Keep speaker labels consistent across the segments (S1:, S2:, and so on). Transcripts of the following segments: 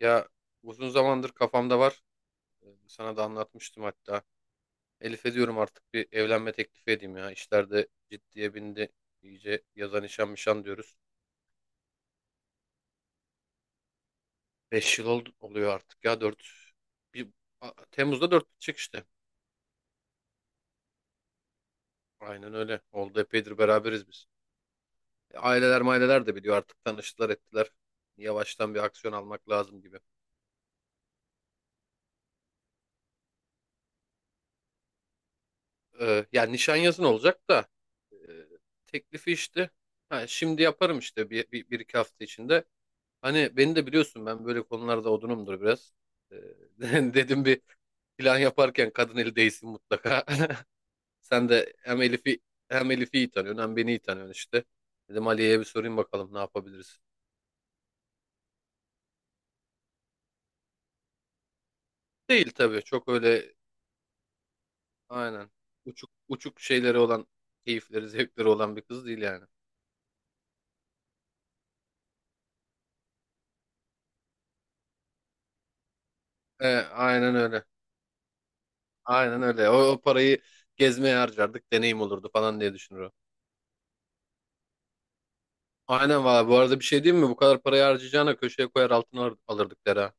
S1: Ya uzun zamandır kafamda var. Sana da anlatmıştım hatta. Elif'e diyorum artık bir evlenme teklifi edeyim ya. İşler de ciddiye bindi. İyice yaza nişan mişan diyoruz. 5 yıl oldu, oluyor artık ya Bir, Temmuz'da 4 bitecek işte. Aynen öyle. Oldu epeydir beraberiz biz. Aileler maileler de biliyor artık tanıştılar ettiler. Yavaştan bir aksiyon almak lazım gibi. Yani nişan yazın olacak da e, teklifi işte. Ha, Şimdi yaparım işte bir iki hafta içinde. Hani beni de biliyorsun ben böyle konularda odunumdur biraz. Ee, dedim bir plan yaparken kadın eli değsin mutlaka. Sen de hem Elif'i iyi tanıyorsun hem beni iyi tanıyorsun işte. Dedim Aliye'ye bir sorayım bakalım ne yapabiliriz. Değil tabii çok öyle, aynen, uçuk uçuk şeyleri olan keyifleri zevkleri olan bir kız değil yani. Aynen öyle. Aynen öyle. O parayı gezmeye harcardık deneyim olurdu falan diye düşünür o. Aynen valla bu arada bir şey diyeyim mi? Bu kadar parayı harcayacağına köşeye koyar alırdık der ha.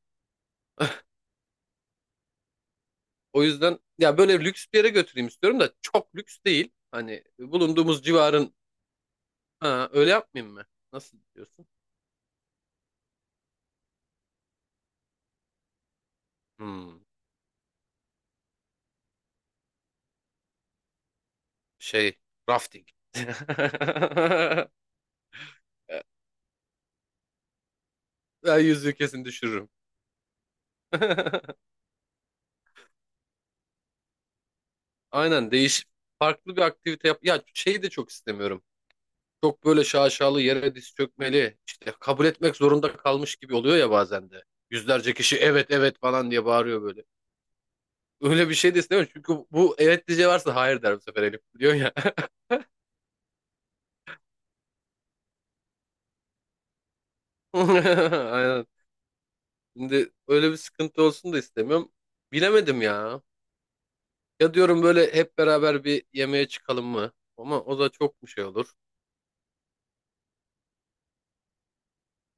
S1: O yüzden ya böyle lüks bir yere götüreyim istiyorum da çok lüks değil. Hani bulunduğumuz civarın, ha, öyle yapmayayım mı? Nasıl diyorsun? Hmm, şey rafting. Ben yüzüğü kesin düşürürüm. Aynen değiş farklı bir aktivite yap. Ya şeyi de çok istemiyorum. Çok böyle şaşalı yere diz çökmeli. İşte kabul etmek zorunda kalmış gibi oluyor ya bazen de. Yüzlerce kişi evet evet falan diye bağırıyor böyle. Öyle bir şey de istemiyorum. Çünkü bu evet diyeceği varsa hayır der bu sefer Elif biliyor. Aynen. Şimdi öyle bir sıkıntı olsun da istemiyorum. Bilemedim ya. Ya diyorum böyle hep beraber bir yemeğe çıkalım mı? Ama o da çok bir şey olur.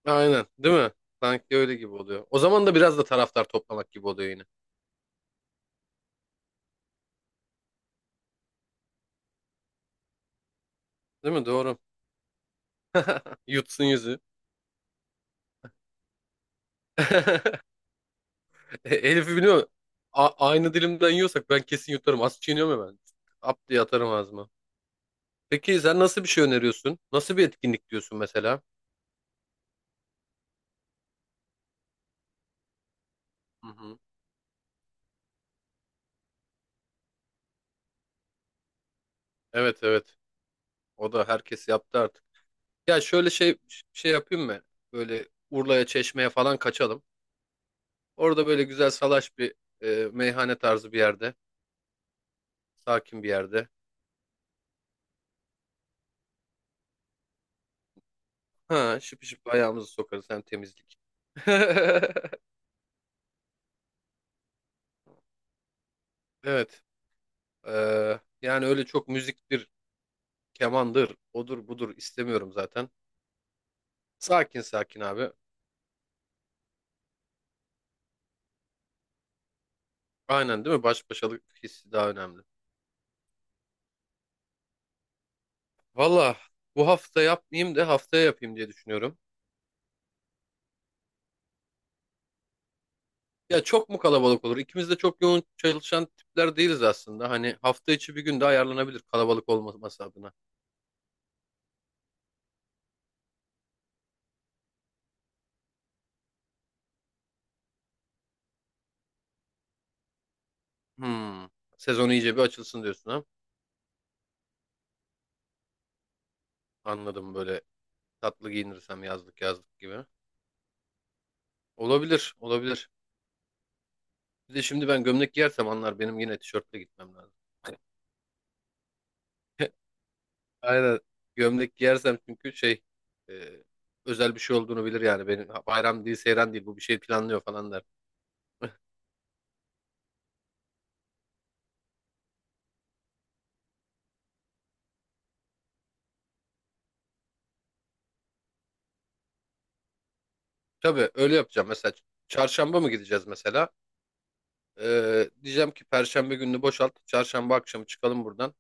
S1: Aynen, değil mi? Sanki öyle gibi oluyor. O zaman da biraz da taraftar toplamak gibi oluyor yine. Değil mi? Doğru. Yutsun yüzü. E, Elif'i biliyor musun? Aynı dilimden yiyorsak ben kesin yutarım. Az çiğniyorum hemen. Ap diye atarım ağzıma. Peki sen nasıl bir şey öneriyorsun? Nasıl bir etkinlik diyorsun mesela? Hı hı. Evet evet. O da herkes yaptı artık. Ya şöyle, yapayım mı? Böyle Urla'ya, Çeşme'ye falan kaçalım. Orada böyle güzel salaş bir, meyhane tarzı bir yerde. Sakin bir yerde. Ha, şıp şıp ayağımızı sokarız hem temizlik. Evet. Yani öyle çok müziktir, kemandır, odur budur istemiyorum zaten. Sakin sakin abi. Aynen değil mi? Baş başalık hissi daha önemli. Valla bu hafta yapmayayım da haftaya yapayım diye düşünüyorum. Ya çok mu kalabalık olur? İkimiz de çok yoğun çalışan tipler değiliz aslında. Hani hafta içi bir gün de ayarlanabilir kalabalık olmaması adına. Hmm. Sezon iyice bir açılsın diyorsun ha? Anladım, böyle tatlı giyinirsem yazlık yazlık gibi. Olabilir, olabilir. Bir de şimdi ben gömlek giyersem anlar benim yine tişörtle gitmem lazım. Aynen. Gömlek giyersem çünkü e, özel bir şey olduğunu bilir yani. Benim bayram değil, seyran değil bu bir şey planlıyor falan der. Tabii öyle yapacağım. Mesela çarşamba mı gideceğiz mesela? Diyeceğim ki Perşembe gününü boşalt. Çarşamba akşamı çıkalım buradan.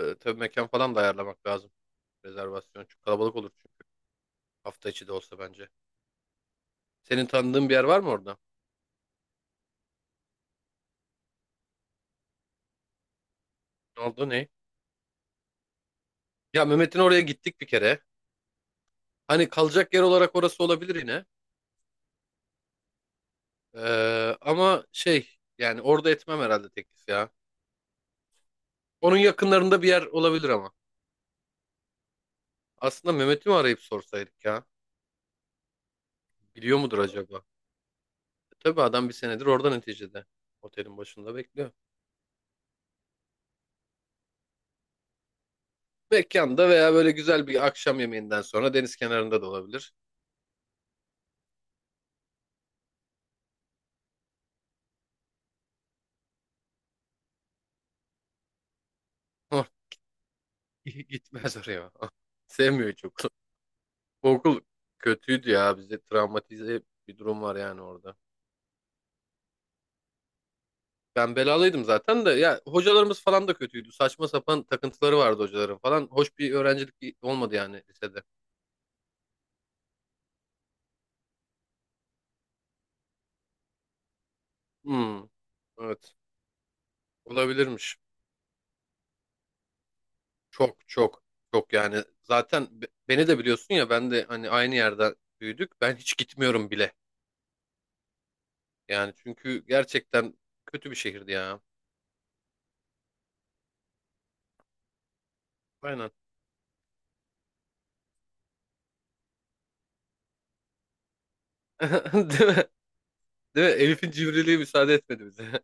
S1: Tabii mekan falan da ayarlamak lazım. Rezervasyon çok kalabalık olur çünkü. Hafta içi de olsa bence. Senin tanıdığın bir yer var mı orada? Ne oldu ne? Ya Mehmet'in oraya gittik bir kere. Hani kalacak yer olarak orası olabilir yine. Ama yani orada etmem herhalde teklif ya. Onun yakınlarında bir yer olabilir ama. Aslında Mehmet'i mi arayıp sorsaydık ya? Biliyor mudur acaba? E, tabii adam bir senedir orada neticede. Otelin başında bekliyor. Mekanda veya böyle güzel bir akşam yemeğinden sonra deniz kenarında da olabilir. Ama gitmez oraya. Sevmiyor çok. Bu okul kötüydü ya. Bize travmatize bir durum var yani orada. Ben belalıydım zaten de ya hocalarımız falan da kötüydü. Saçma sapan takıntıları vardı hocaların falan. Hoş bir öğrencilik olmadı yani lisede. Hmm, evet. Olabilirmiş. Çok çok Çok yani. Zaten beni de biliyorsun ya ben de hani aynı yerde büyüdük. Ben hiç gitmiyorum bile. Yani çünkü gerçekten kötü bir şehirdi ya. Aynen. Değil mi? Değil mi? Elif'in civriliği müsaade etmedi bize.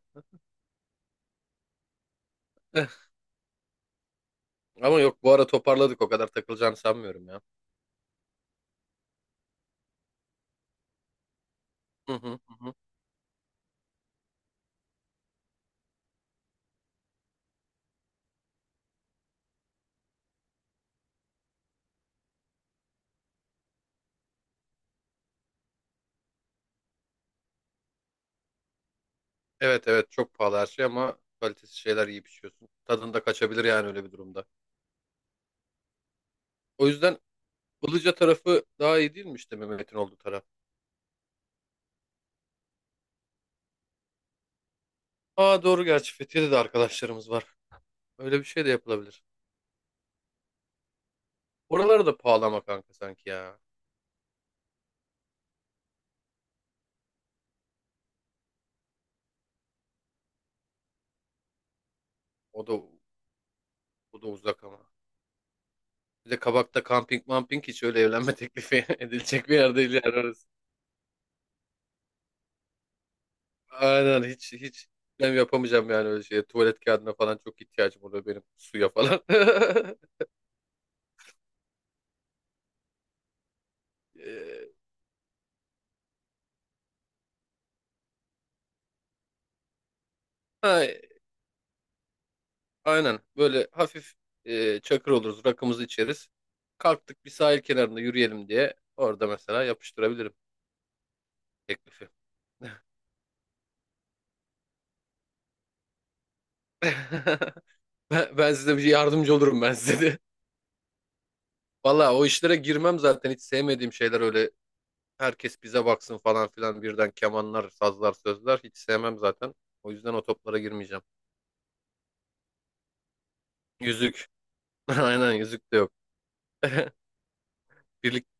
S1: Ama yok bu ara toparladık o kadar takılacağını sanmıyorum ya. Hı hı. Evet evet çok pahalı her şey ama kalitesiz şeyler yiyip içiyorsun. Tadında kaçabilir yani öyle bir durumda. O yüzden Ilıca tarafı daha iyi değil mi işte Mehmet'in olduğu taraf? Aa doğru gerçi Fethiye'de de arkadaşlarımız var. Öyle bir şey de yapılabilir. Oralar da pahalı ama kanka sanki ya. O da o da uzak ama. Bir de Kabak'ta kamping mamping hiç öyle evlenme teklifi edilecek bir yer değil yani orası. Aynen hiç hiç ben yapamayacağım yani öyle şey. Tuvalet kağıdına falan çok ihtiyacım oluyor benim suya falan. Ee, ha, aynen böyle hafif, çakır oluruz rakımızı içeriz. Kalktık bir sahil kenarında yürüyelim diye orada mesela yapıştırabilirim teklifi. Ben size bir yardımcı olurum ben size de. Valla o işlere girmem zaten hiç sevmediğim şeyler öyle, herkes bize baksın falan filan birden kemanlar, sazlar, sözler hiç sevmem zaten. O yüzden o toplara girmeyeceğim. Yüzük. Aynen yüzük de yok. Birlikte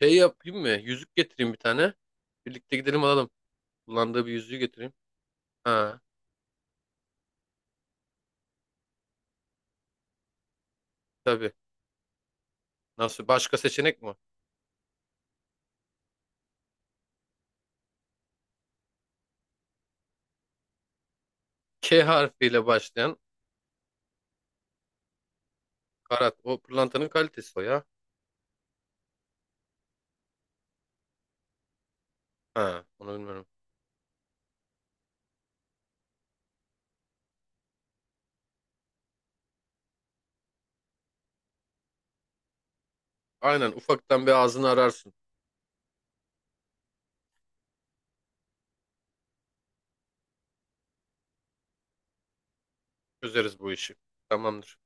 S1: şey yapayım mı? Yüzük getireyim bir tane. Birlikte gidelim alalım. Kullandığı bir yüzüğü getireyim. Ha, tabii. Nasıl? Başka seçenek mi? K harfiyle başlayan karat. O pırlantanın kalitesi o ya. Ha, onu bilmiyorum. Aynen ufaktan bir ağzını ararsın. Çözeriz bu işi. Tamamdır.